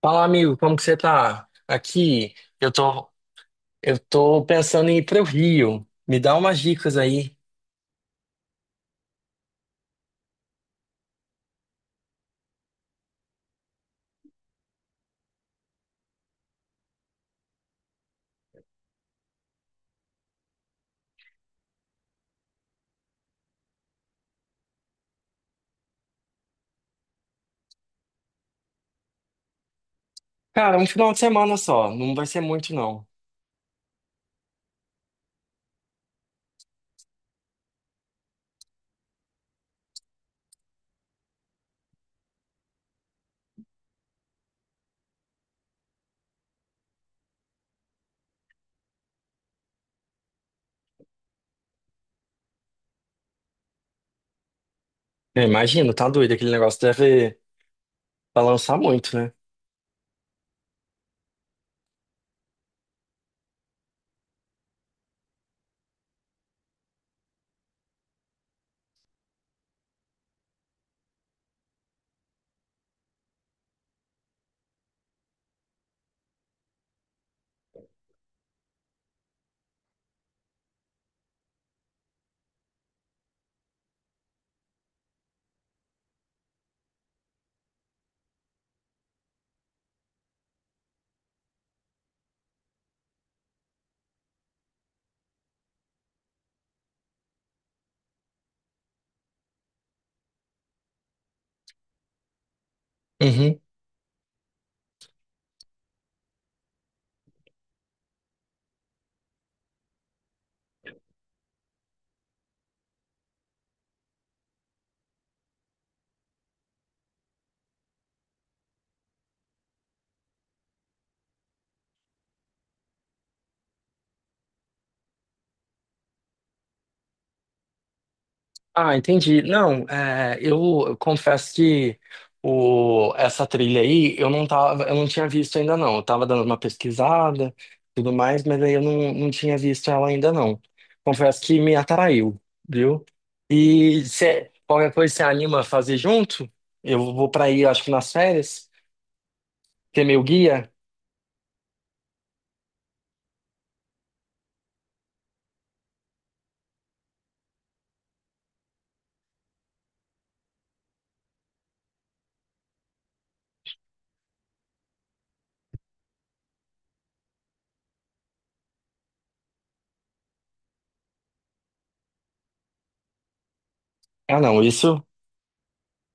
Fala, amigo, como que você tá? Aqui, eu tô, eu tô pensando em ir pro Rio. Me dá umas dicas aí. Cara, um final de semana só, não vai ser muito não. Eu imagino, tá doido, aquele negócio deve balançar muito, né? Ah, entendi. Não, é, eu, confesso que essa trilha aí eu não tinha visto ainda não. Eu tava dando uma pesquisada, tudo mais, mas aí eu não, não tinha visto ela ainda não. Confesso que me atraiu, viu? E se qualquer coisa você anima a fazer junto, eu vou pra aí, acho que nas férias, ter meu guia. Ah, não, isso,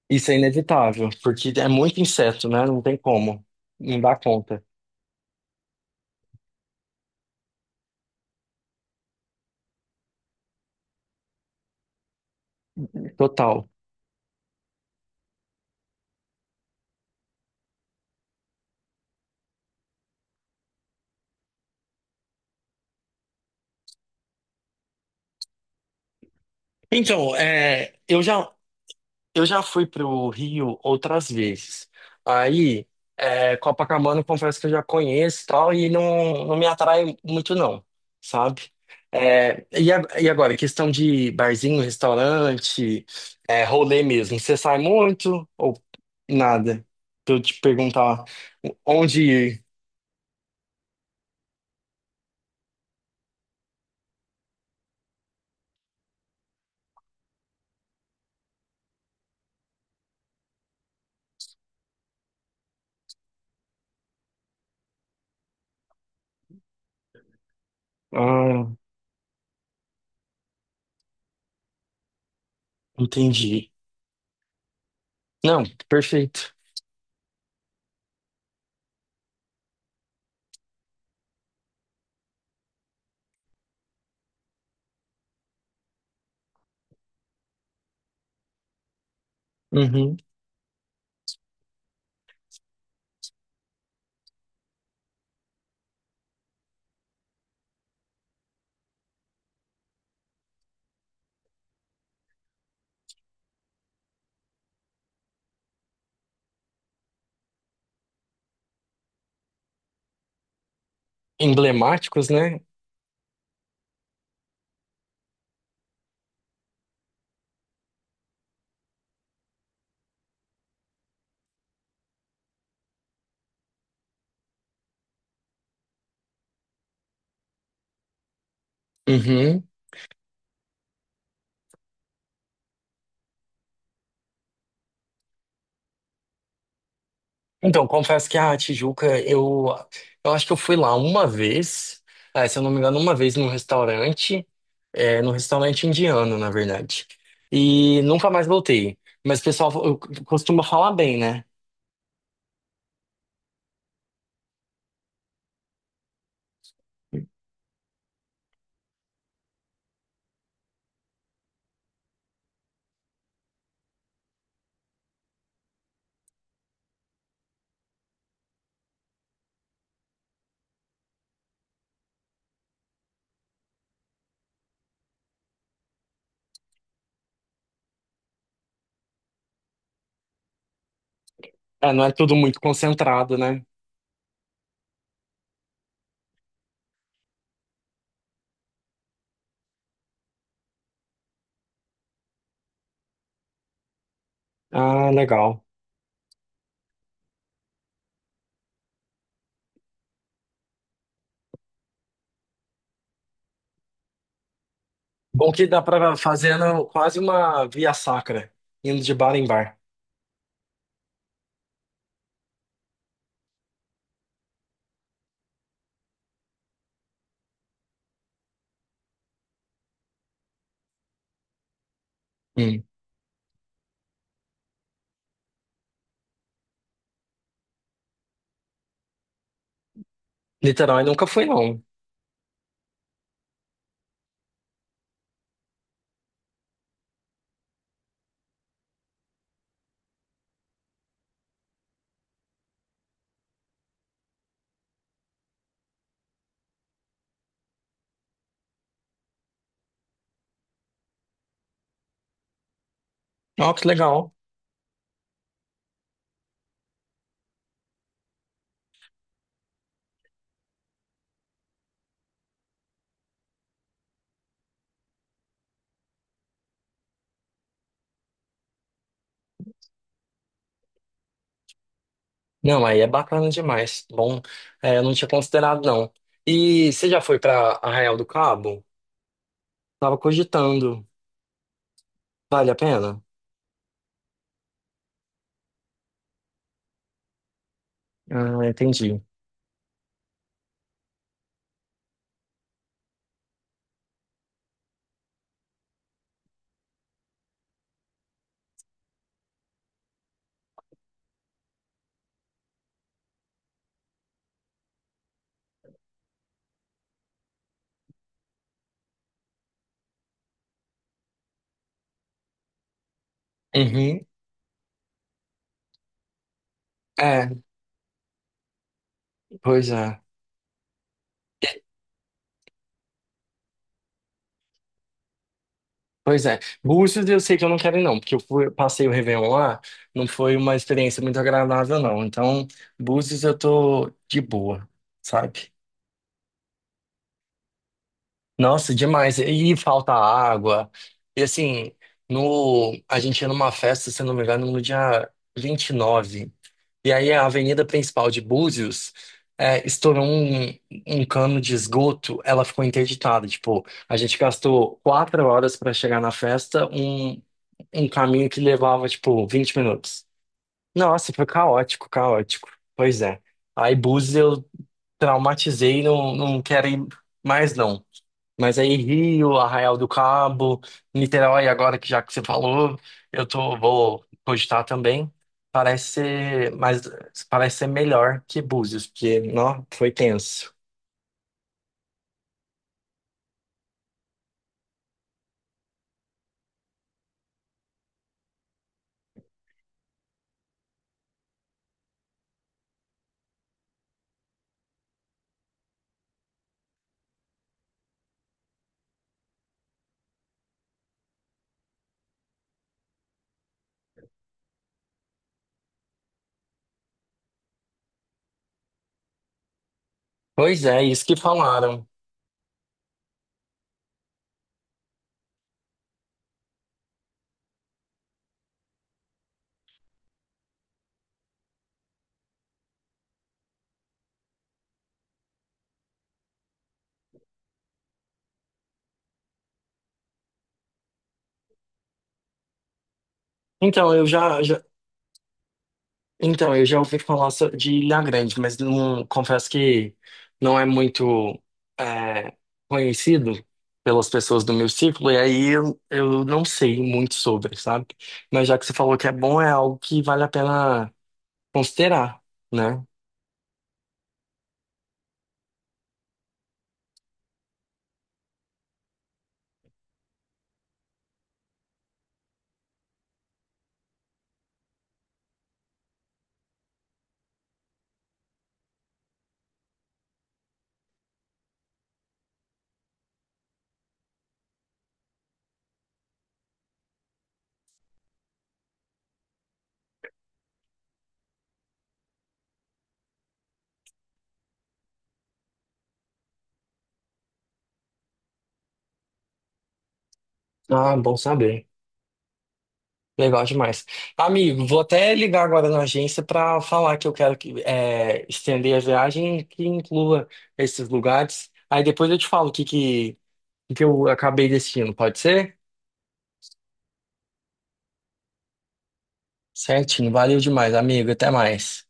isso é inevitável, porque é muito inseto, né? Não tem como, não dá conta. Total. Então, é, eu já Eu já fui pro Rio outras vezes. Aí, é, Copacabana, confesso que eu já conheço e tal, e não me atrai muito, não, sabe? E agora, questão de barzinho, restaurante, é, rolê mesmo. Você sai muito ou nada? Pra eu te perguntar onde ir. Ah, entendi. Não, perfeito. Uhum. Emblemáticos, né? Uhum. Então, confesso que a Tijuca, eu acho que eu fui lá uma vez, ah, se eu não me engano, uma vez num restaurante, é, num restaurante indiano, na verdade. E nunca mais voltei. Mas o pessoal eu- costuma falar bem, né? É, não é tudo muito concentrado, né? Ah, legal. Bom que dá pra fazendo quase uma via sacra, indo de bar em bar. Hum. Niterói nunca fui, não. Ó, que legal. Não, aí é bacana demais. Bom, é, eu não tinha considerado, não. E você já foi para Arraial do Cabo? Tava cogitando. Vale a pena? Ah, entendi. Uhum. É, pois é. Pois é. Búzios eu sei que eu não quero ir, não, porque passei o Réveillon lá, não foi uma experiência muito agradável, não. Então, Búzios eu tô de boa, sabe? Nossa, demais. E falta água. E assim, no, a gente ia numa festa, se eu não me engano, no dia 29. E aí a avenida principal de Búzios é, estourou um cano de esgoto, ela ficou interditada. Tipo, a gente gastou 4 horas para chegar na festa, um caminho que levava, tipo, 20 minutos. Nossa, foi caótico, caótico. Pois é. Aí Búzios eu traumatizei, não, não quero ir mais, não. Mas aí Rio, Arraial do Cabo, Niterói, agora que já que você falou, vou cogitar também. Parece ser, mas parece ser melhor que Búzios, porque, não, foi tenso. Pois é, isso que falaram. Então, eu já, já- Então, eu já ouvi falar de Ilha Grande, mas não, confesso que não é muito é, conhecido pelas pessoas do meu círculo, eu não sei muito sobre, sabe? Mas já que você falou que é bom, é algo que vale a pena considerar, né? Ah, bom saber. Legal demais. Amigo, vou até ligar agora na agência para falar que eu quero que, é, estender a viagem que inclua esses lugares. Aí depois eu te falo o que eu acabei decidindo, pode ser? Certinho, valeu demais, amigo. Até mais.